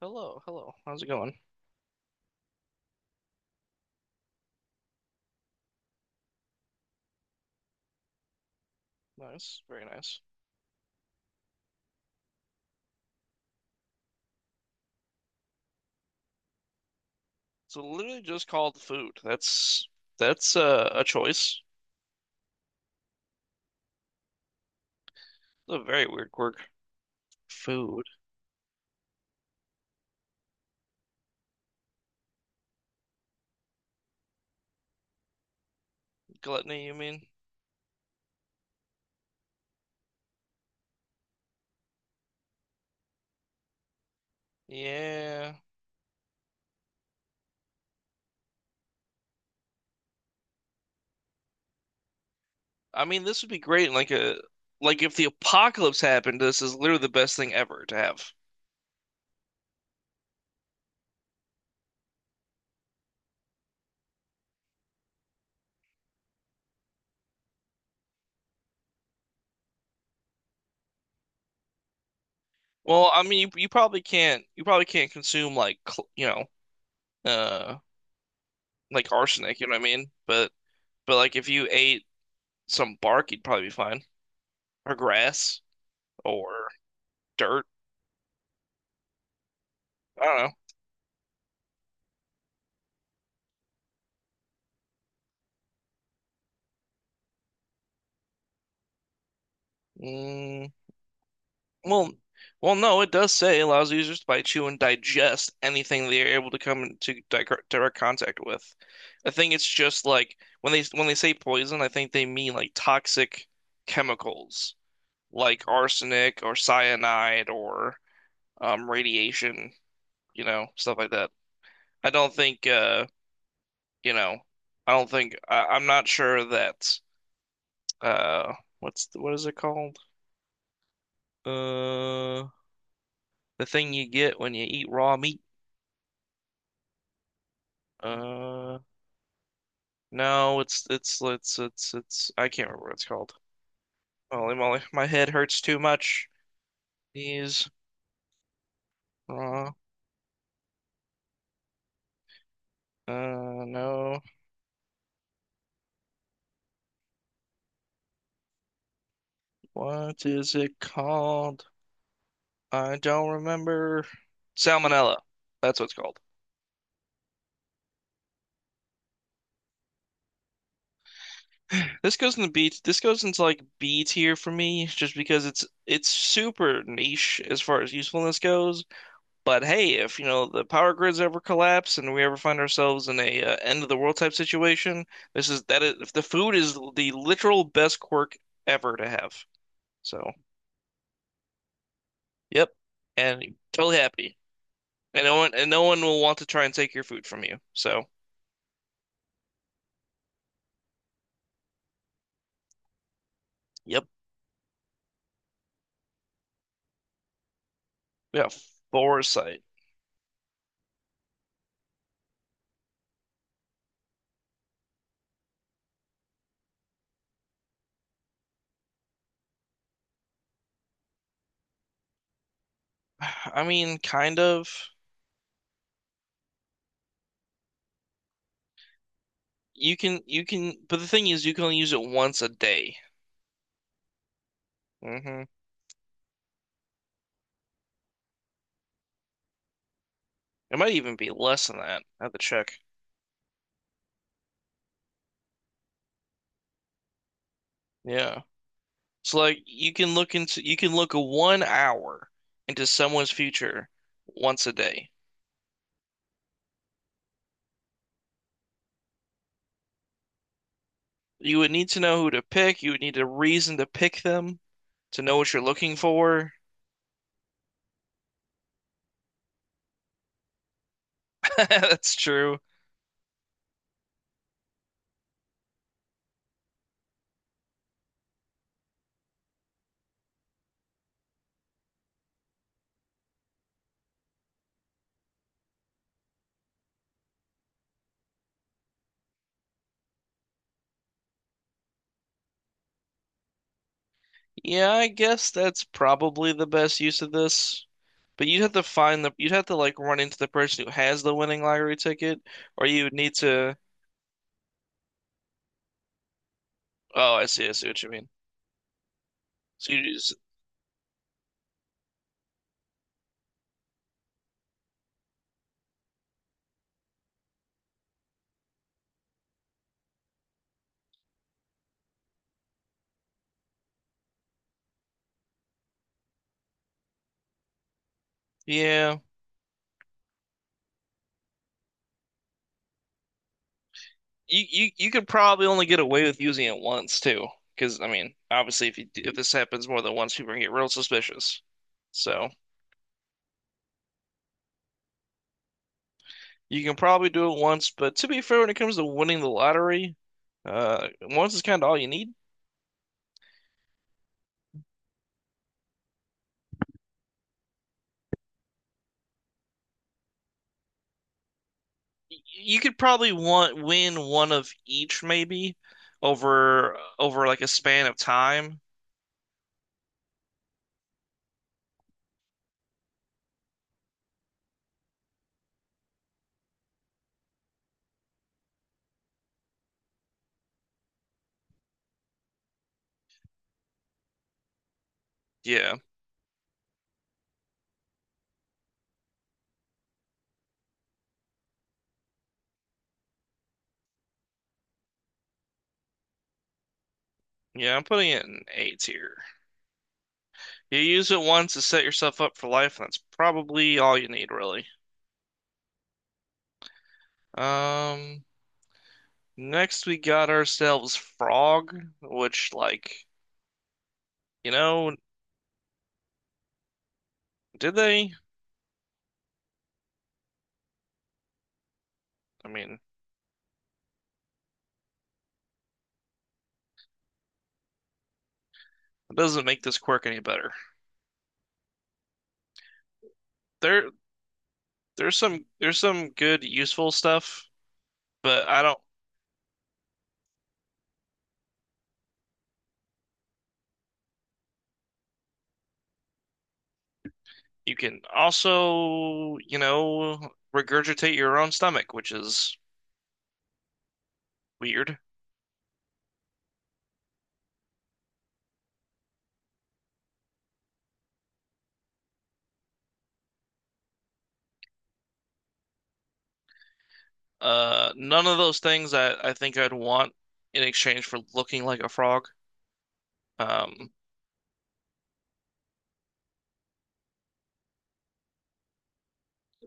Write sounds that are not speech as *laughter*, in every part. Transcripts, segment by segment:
Hello, hello. How's it going? Nice, very nice. So literally just called food. That's a choice. A very weird quirk. Food. Gluttony, you mean? Yeah. I mean, this would be great in like if the apocalypse happened, this is literally the best thing ever to have. Well, I mean, you probably can't consume like uh like arsenic, you know what I mean? but like if you ate some bark, you'd probably be fine. Or grass or dirt. I don't know. Mm, well, no, it does say it allows users to bite, chew, and digest anything they are able to come into direct contact with. I think it's just like when they say poison, I think they mean like toxic chemicals, like arsenic or cyanide or radiation, stuff like that. I don't think, uh, you know, I don't think I, I'm not sure that uh, what is it called? Uh, the thing you get when you eat raw meat. Uh, no, it's I can't remember what it's called. Holy moly, *laughs* my head hurts too much. These raw. No, what is it called? I don't remember. Salmonella. That's what it's called. *sighs* This goes in the B. This goes into like B tier for me, just because it's super niche as far as usefulness goes. But hey, if the power grids ever collapse and we ever find ourselves in a end of the world type situation, this is that is if the food is the literal best quirk ever to have. So, yep, and totally happy, and no one will want to try and take your food from you. So, yep, yeah, foresight. *sighs* I mean, kind of. You can, but the thing is, you can only use it once a day. hmm It might even be less than that. I have to check. Yeah. So like you can look one hour into someone's future once a day. You would need to know who to pick. You would need a reason to pick them to know what you're looking for. *laughs* That's true. Yeah, I guess that's probably the best use of this. But you'd have to find the you'd have to like run into the person who has the winning lottery ticket, or you would need to. Oh, I see. I see what you mean. So you just yeah. You could probably only get away with using it once too, because I mean, obviously, if this happens more than once, people are gonna get real suspicious. So you can probably do it once, but to be fair, when it comes to winning the lottery, once is kind of all you need. You could probably want win one of each maybe over like a span of time. Yeah, yeah, I'm putting it in A tier. You use it once to set yourself up for life, and that's probably all you need, really. Um. Next, we got ourselves Frog, which, like, you know, did they? I mean, it doesn't make this quirk any better. There, there's some good, useful stuff, but I don't. You can also, regurgitate your own stomach, which is weird. None of those things I think I'd want in exchange for looking like a frog. Um,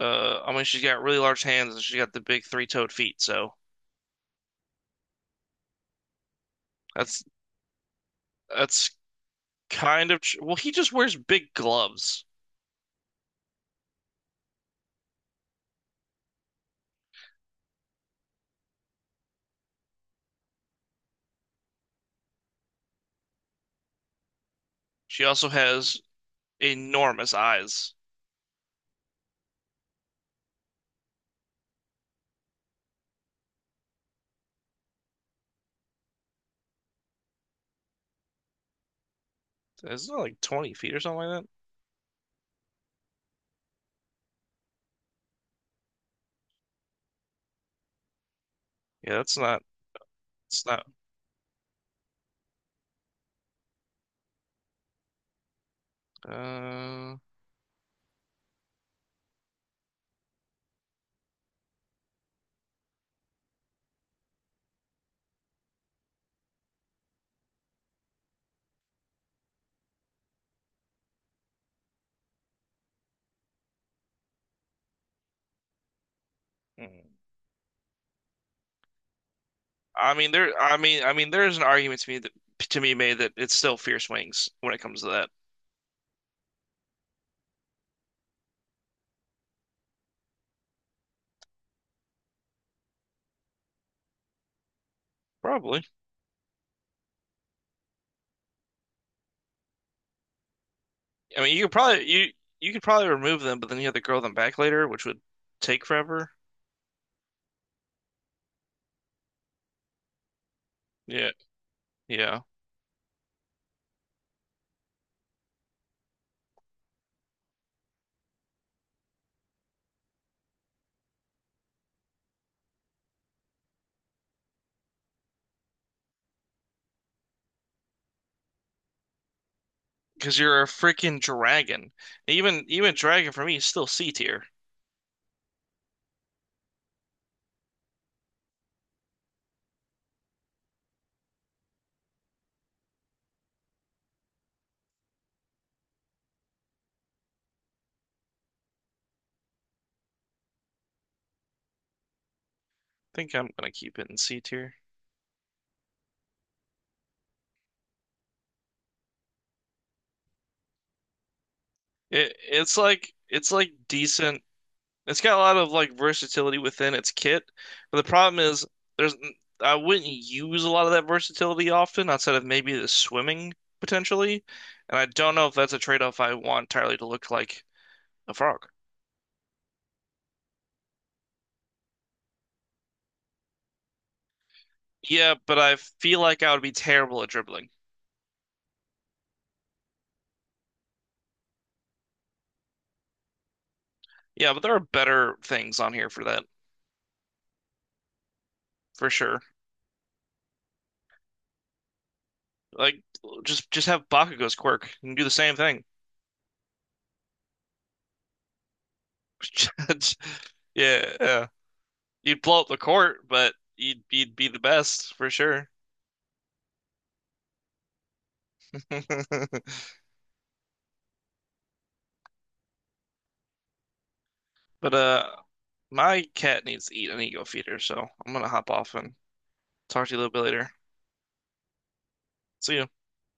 I mean, she's got really large hands and she's got the big three-toed feet, so that's that's kind of. Well, he just wears big gloves. She also has enormous eyes. Isn't that like 20 feet or something like that? Yeah, that's not. It's not. Uh, hmm. I mean, there. I mean, there is an argument to me that made that it's still fierce wings when it comes to that. Probably. I mean, you could probably you you could probably remove them, but then you have to grow them back later, which would take forever. Yeah, yeah. Because you're a freaking dragon. Even dragon for me is still C tier. I think I'm gonna keep it in C tier. It's like decent. It's got a lot of like versatility within its kit, but the problem is there's I wouldn't use a lot of that versatility often outside of maybe the swimming potentially, and I don't know if that's a trade-off I want entirely to look like a frog. Yeah, but I feel like I would be terrible at dribbling. Yeah, but there are better things on here for that for sure. Like just have Bakugo's quirk and do the same thing. *laughs* Yeah, yeah. You'd blow up the court, but you'd be the best for sure. *laughs* But my cat needs to eat an ego feeder, so I'm gonna hop off and talk to you a little bit later. See you.